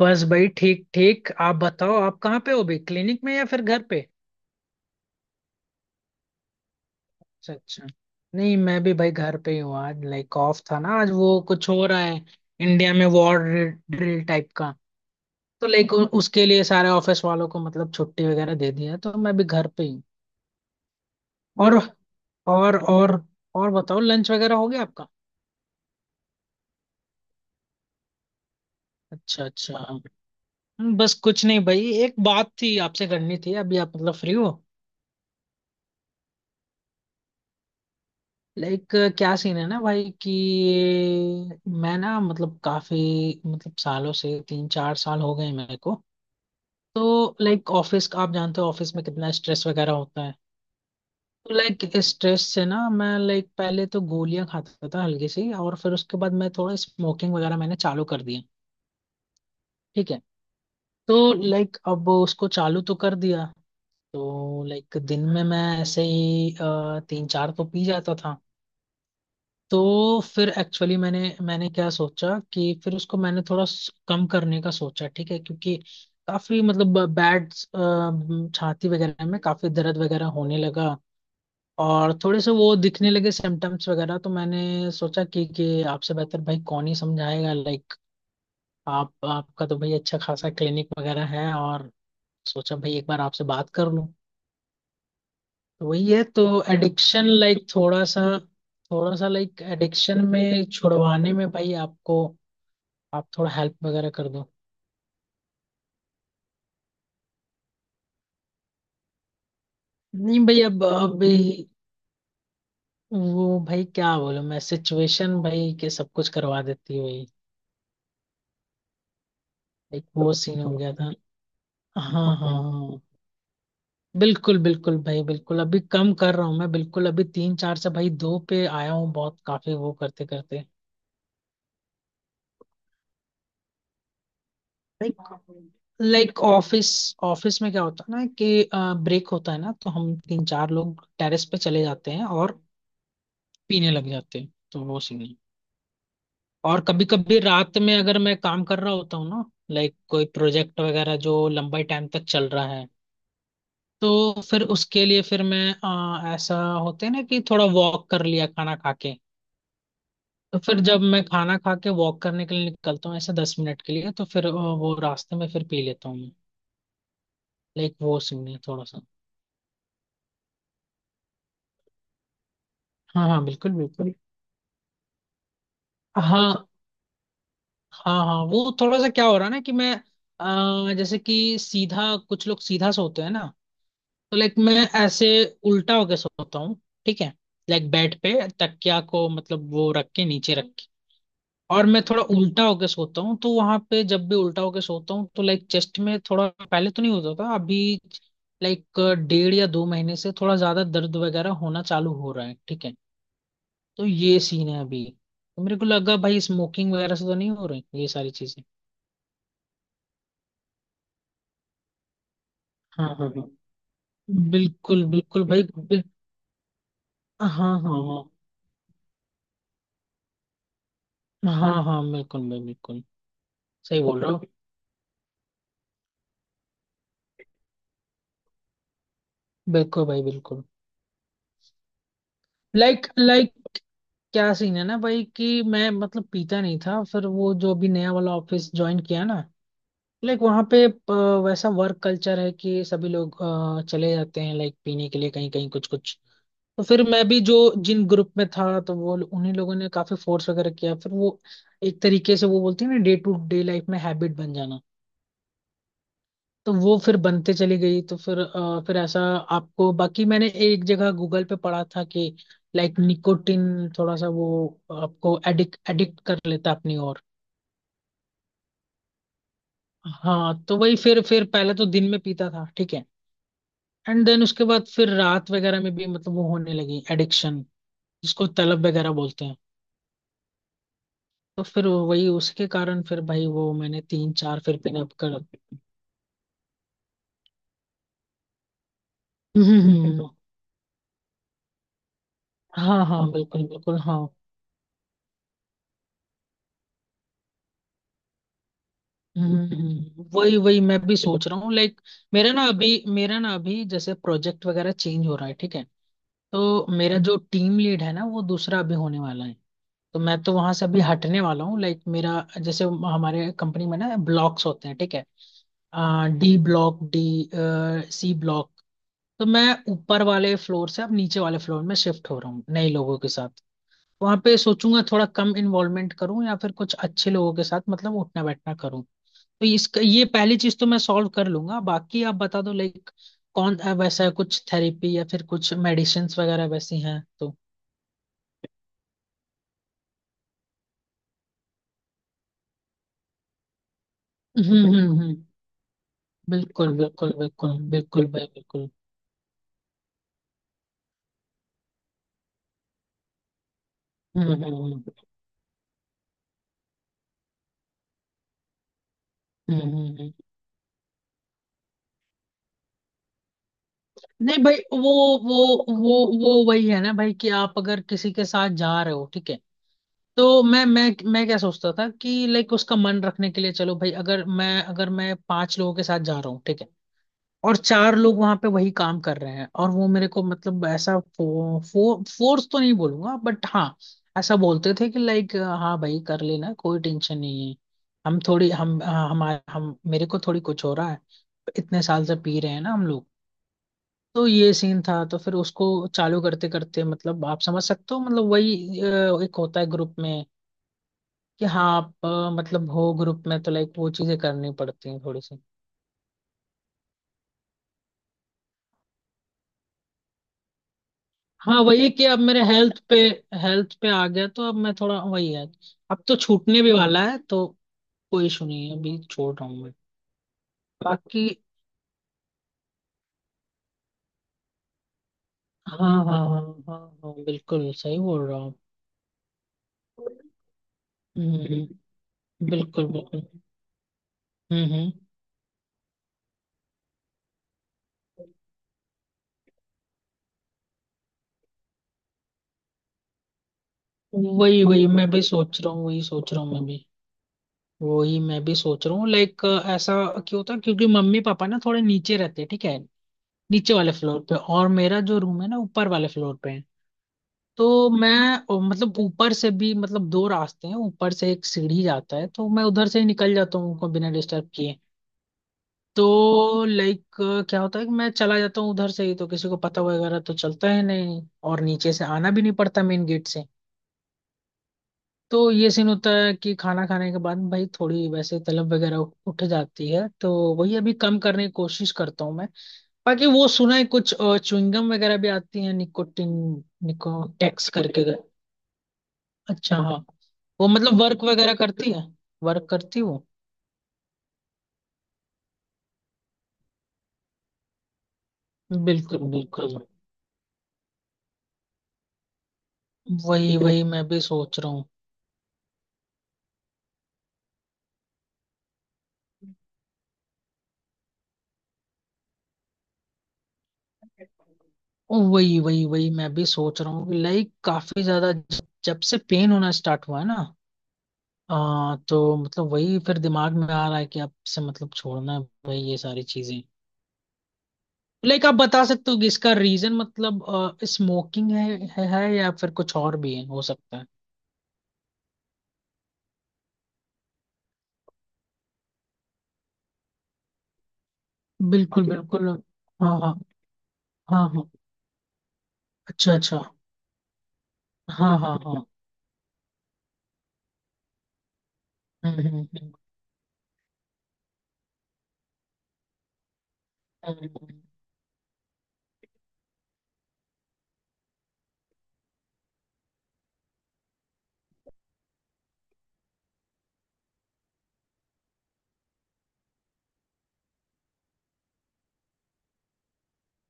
बस भाई, ठीक ठीक। आप बताओ आप कहाँ पे हो अभी, क्लिनिक में या फिर घर पे? अच्छा अच्छा। नहीं, मैं भी भाई घर पे ही हूँ। आज लाइक ऑफ था ना, आज वो कुछ हो रहा है इंडिया में, वॉर ड्रिल टाइप का। तो लाइक उसके लिए सारे ऑफिस वालों को मतलब छुट्टी वगैरह दे दिया है, तो मैं भी घर पे ही हूँ। और और और और बताओ, लंच वगैरह हो गया आपका? अच्छा अच्छा। बस कुछ नहीं भाई, एक बात थी आपसे करनी थी। अभी आप मतलब फ्री हो? लाइक क्या सीन है ना भाई कि मैं ना मतलब काफी, मतलब सालों से, 3-4 साल हो गए मेरे को। तो लाइक ऑफिस का, आप जानते हो ऑफिस में कितना स्ट्रेस वगैरह होता है। तो लाइक स्ट्रेस से ना मैं लाइक पहले तो गोलियां खाता था हल्की सी, और फिर उसके बाद मैं थोड़ा स्मोकिंग वगैरह मैंने चालू कर दिया। ठीक है। तो लाइक अब उसको चालू तो कर दिया। तो लाइक दिन में मैं ऐसे ही तीन चार तो पी जाता था। तो फिर एक्चुअली मैंने मैंने क्या सोचा कि फिर उसको मैंने थोड़ा कम करने का सोचा। ठीक है, क्योंकि काफी मतलब बैड, छाती वगैरह में काफी दर्द वगैरह होने लगा। और थोड़े से वो दिखने लगे सिम्टम्स वगैरह, तो मैंने सोचा कि आपसे बेहतर भाई कौन ही समझाएगा। लाइक आप आपका तो भाई अच्छा खासा क्लिनिक वगैरह है, और सोचा भाई एक बार आपसे बात कर लूं। तो वही है तो, एडिक्शन लाइक थोड़ा सा। थोड़ा सा लाइक एडिक्शन में छुड़वाने में भाई आपको, आप थोड़ा हेल्प वगैरह कर दो। नहीं भाई, अब अभी, वो भाई क्या बोलूं मैं, सिचुएशन भाई के सब कुछ करवा देती है भाई। एक वो सीन हो गया था। हाँ हाँ हाँ। बिल्कुल बिल्कुल भाई बिल्कुल। अभी कम कर रहा हूँ मैं, बिल्कुल अभी तीन चार से भाई दो पे आया हूँ, बहुत काफी वो करते करते। लाइक ऑफिस, ऑफिस में क्या होता है ना कि ब्रेक होता है ना, तो हम तीन चार लोग टेरेस पे चले जाते हैं और पीने लग जाते हैं, तो वो सीन। और कभी कभी रात में अगर मैं काम कर रहा होता हूँ ना, लाइक कोई प्रोजेक्ट वगैरह जो लंबे टाइम तक चल रहा है, तो फिर उसके लिए फिर मैं ऐसा होते हैं ना कि थोड़ा वॉक कर लिया खाना खा के। तो फिर जब मैं खाना खा के वॉक करने के लिए निकलता हूँ ऐसे 10 मिनट के लिए, तो फिर वो रास्ते में फिर पी लेता हूँ मैं। लाइक वो सीन है थोड़ा सा। हाँ हाँ, बिल्कुल बिल्कुल, हाँ। हाँ हाँ, वो थोड़ा सा क्या हो रहा है ना कि मैं जैसे कि सीधा कुछ लोग सीधा सोते हैं ना, तो लाइक मैं ऐसे उल्टा होके सोता हूँ। ठीक है, लाइक बेड पे तकिया को मतलब वो रख के, नीचे रख के, और मैं थोड़ा उल्टा होके सोता हूँ। तो वहां पे जब भी उल्टा होके सोता हूँ तो लाइक चेस्ट में थोड़ा, पहले तो नहीं होता था, अभी लाइक 1.5 या 2 महीने से थोड़ा ज्यादा दर्द वगैरह होना चालू हो रहा है। ठीक है, तो ये सीन है अभी। तो मेरे को लगा भाई, स्मोकिंग वगैरह से तो नहीं हो रही ये सारी चीजें? हाँ हाँ हाँ, बिल्कुल बिल्कुल भाई हाँ हाँ हाँ हाँ हाँ, बिल्कुल भाई बिल्कुल। सही बोल रहे हो, बिल्कुल भाई बिल्कुल। लाइक लाइक क्या सीन है ना भाई कि मैं मतलब पीता नहीं था, फिर वो जो अभी नया वाला ऑफिस ज्वाइन किया ना, लाइक वहाँ पे वैसा वर्क कल्चर है कि सभी लोग चले जाते हैं लाइक पीने के लिए, कहीं कहीं, कुछ कुछ। तो फिर मैं भी जो जिन ग्रुप में था, तो वो उन्हीं लोगों ने काफी फोर्स वगैरह किया, फिर वो एक तरीके से वो बोलते हैं ना, डे टू डे लाइफ में हैबिट बन जाना। तो वो फिर बनते चली गई, तो फिर फिर ऐसा आपको, बाकी मैंने एक जगह गूगल पे पढ़ा था कि लाइक निकोटिन थोड़ा सा वो आपको एडिक्ट एडिक्ट कर लेता है अपनी ओर। हाँ तो वही फिर पहले तो दिन में पीता था, ठीक है, एंड देन उसके बाद फिर रात वगैरह में भी मतलब वो होने लगी एडिक्शन, जिसको तलब वगैरह बोलते हैं। तो फिर वही उसके कारण फिर भाई वो मैंने तीन चार फिर पीने कर हम्म, हम्म, हम्म। हाँ हाँ, बिल्कुल बिल्कुल, हाँ। वही वही मैं भी सोच रहा हूँ लाइक। मेरा ना अभी जैसे प्रोजेक्ट वगैरह चेंज हो रहा है। ठीक है, तो मेरा जो टीम लीड है ना वो दूसरा अभी होने वाला है, तो मैं तो वहां से अभी हटने वाला हूँ। लाइक मेरा, जैसे हमारे कंपनी में ना ब्लॉक्स होते हैं, ठीक है, D block D C block. तो मैं ऊपर वाले फ्लोर से अब नीचे वाले फ्लोर में शिफ्ट हो रहा हूँ, नए लोगों के साथ। वहां पे सोचूंगा थोड़ा कम इन्वॉल्वमेंट करूँ, या फिर कुछ अच्छे लोगों के साथ मतलब उठना बैठना करूँ। तो इसका, ये पहली चीज तो मैं सॉल्व कर लूंगा। बाकी आप बता दो लाइक कौन वैसा है, कुछ थेरेपी या फिर कुछ मेडिसिन्स वगैरह वैसी हैं तो? हम्म। बिल्कुल बिल्कुल बिल्कुल बिल्कुल भाई बिल्कुल। हम्म हम्म हम्म हम्म, हम्म। नहीं भाई, वो वो वो वही है ना भाई कि आप अगर किसी के साथ जा रहे हो, ठीक है, तो मैं क्या सोचता था कि लाइक उसका मन रखने के लिए, चलो भाई, अगर मैं पांच लोगों के साथ जा रहा हूँ, ठीक है, और चार लोग वहां पे वही काम कर रहे हैं, और वो मेरे को मतलब ऐसा फो, फो, फोर्स तो नहीं बोलूंगा बट हाँ, ऐसा बोलते थे कि लाइक हाँ भाई, कर लेना कोई टेंशन नहीं है, हम थोड़ी हम हमारे हम मेरे को थोड़ी कुछ हो रहा है, इतने साल से पी रहे हैं ना हम लोग। तो ये सीन था, तो फिर उसको चालू करते करते, मतलब आप समझ सकते हो, मतलब वही एक होता है ग्रुप में कि हाँ आप मतलब हो ग्रुप में, तो लाइक वो चीजें करनी पड़ती हैं थोड़ी सी। हाँ वही कि अब मेरे हेल्थ पे, हेल्थ पे आ गया तो अब मैं थोड़ा वही है, अब तो छूटने भी वाला है, तो कोई इशू नहीं है, अभी छोड़ रहा हूँ मैं। बाकी, हाँ हाँ हाँ हाँ हाँ, हाँ, बिल्कुल सही बोल रहा हूँ। हम्म, बिल्कुल बिल्कुल। हम्म हम्म, वही वही मैं भी सोच रहा हूँ, वही सोच रहा हूँ मैं भी। वही मैं भी सोच रहा हूँ लाइक, ऐसा क्यों होता है, क्योंकि मम्मी पापा ना थोड़े नीचे रहते हैं, ठीक है, नीचे वाले फ्लोर पे, और मेरा जो रूम है ना ऊपर वाले फ्लोर पे है। तो मैं मतलब ऊपर से भी, मतलब दो रास्ते हैं, ऊपर से एक सीढ़ी जाता है, तो मैं उधर से ही निकल जाता हूँ, उनको बिना डिस्टर्ब किए। तो लाइक क्या होता है कि मैं चला जाता हूँ उधर से ही, तो किसी को पता वगैरह तो चलता है नहीं, और नीचे से आना भी नहीं पड़ता मेन गेट से। तो ये सीन होता है कि खाना खाने के बाद भाई थोड़ी वैसे तलब वगैरह उठ जाती है, तो वही अभी कम करने की कोशिश करता हूँ मैं। बाकी वो सुना है कुछ, चुइंगम वगैरह भी आती है निकोटिन, निको टैक्स करके? अच्छा हाँ। वो मतलब वर्क वगैरह करती है? वर्क करती है वो? बिल्कुल बिल्कुल। वही वही मैं भी सोच रहा हूँ। वही वही वही मैं भी सोच रहा हूँ लाइक, काफी ज्यादा जब से पेन होना स्टार्ट हुआ है ना, तो मतलब वही फिर दिमाग में आ रहा है कि अब से मतलब छोड़ना है भाई ये सारी चीजें। लाइक आप बता सकते हो कि इसका रीजन मतलब, स्मोकिंग है, है या फिर कुछ और भी है हो सकता है? बिल्कुल बिल्कुल। हाँ हाँ हाँ हाँ। अच्छा अच्छा। हाँ हाँ हाँ। हम्म हम्म हम्म, हम्म।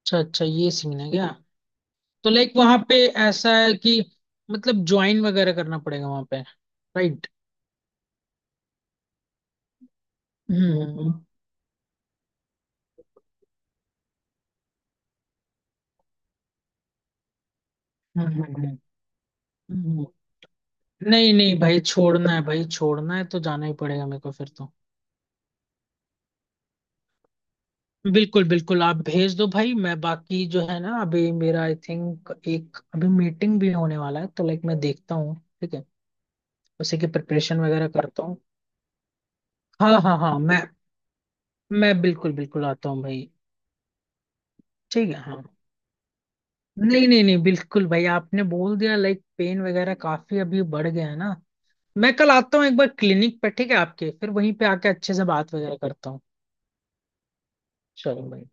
अच्छा अच्छा, ये सीन है क्या? तो लाइक वहां पे ऐसा है कि मतलब ज्वाइन वगैरह करना पड़ेगा वहां पे, राइट? हम्म हम्म हम्म, हम्म, हम्म। नहीं नहीं भाई, छोड़ना है भाई, छोड़ना है तो जाना ही पड़ेगा मेरे को फिर तो। बिल्कुल बिल्कुल, आप भेज दो भाई। मैं बाकी जो है ना, अभी मेरा आई थिंक एक अभी मीटिंग भी होने वाला है, तो लाइक मैं देखता हूँ, ठीक है, उसी की प्रिपरेशन वगैरह करता हूँ। हाँ हाँ हाँ, मैं बिल्कुल बिल्कुल आता हूँ भाई। ठीक है, हाँ। नहीं नहीं नहीं, बिल्कुल भाई, आपने बोल दिया, लाइक पेन वगैरह काफी अभी बढ़ गया है ना। मैं कल आता हूँ एक बार क्लिनिक पे, ठीक है आपके, फिर वहीं पे आके अच्छे से बात वगैरह करता हूँ। चलो भाई।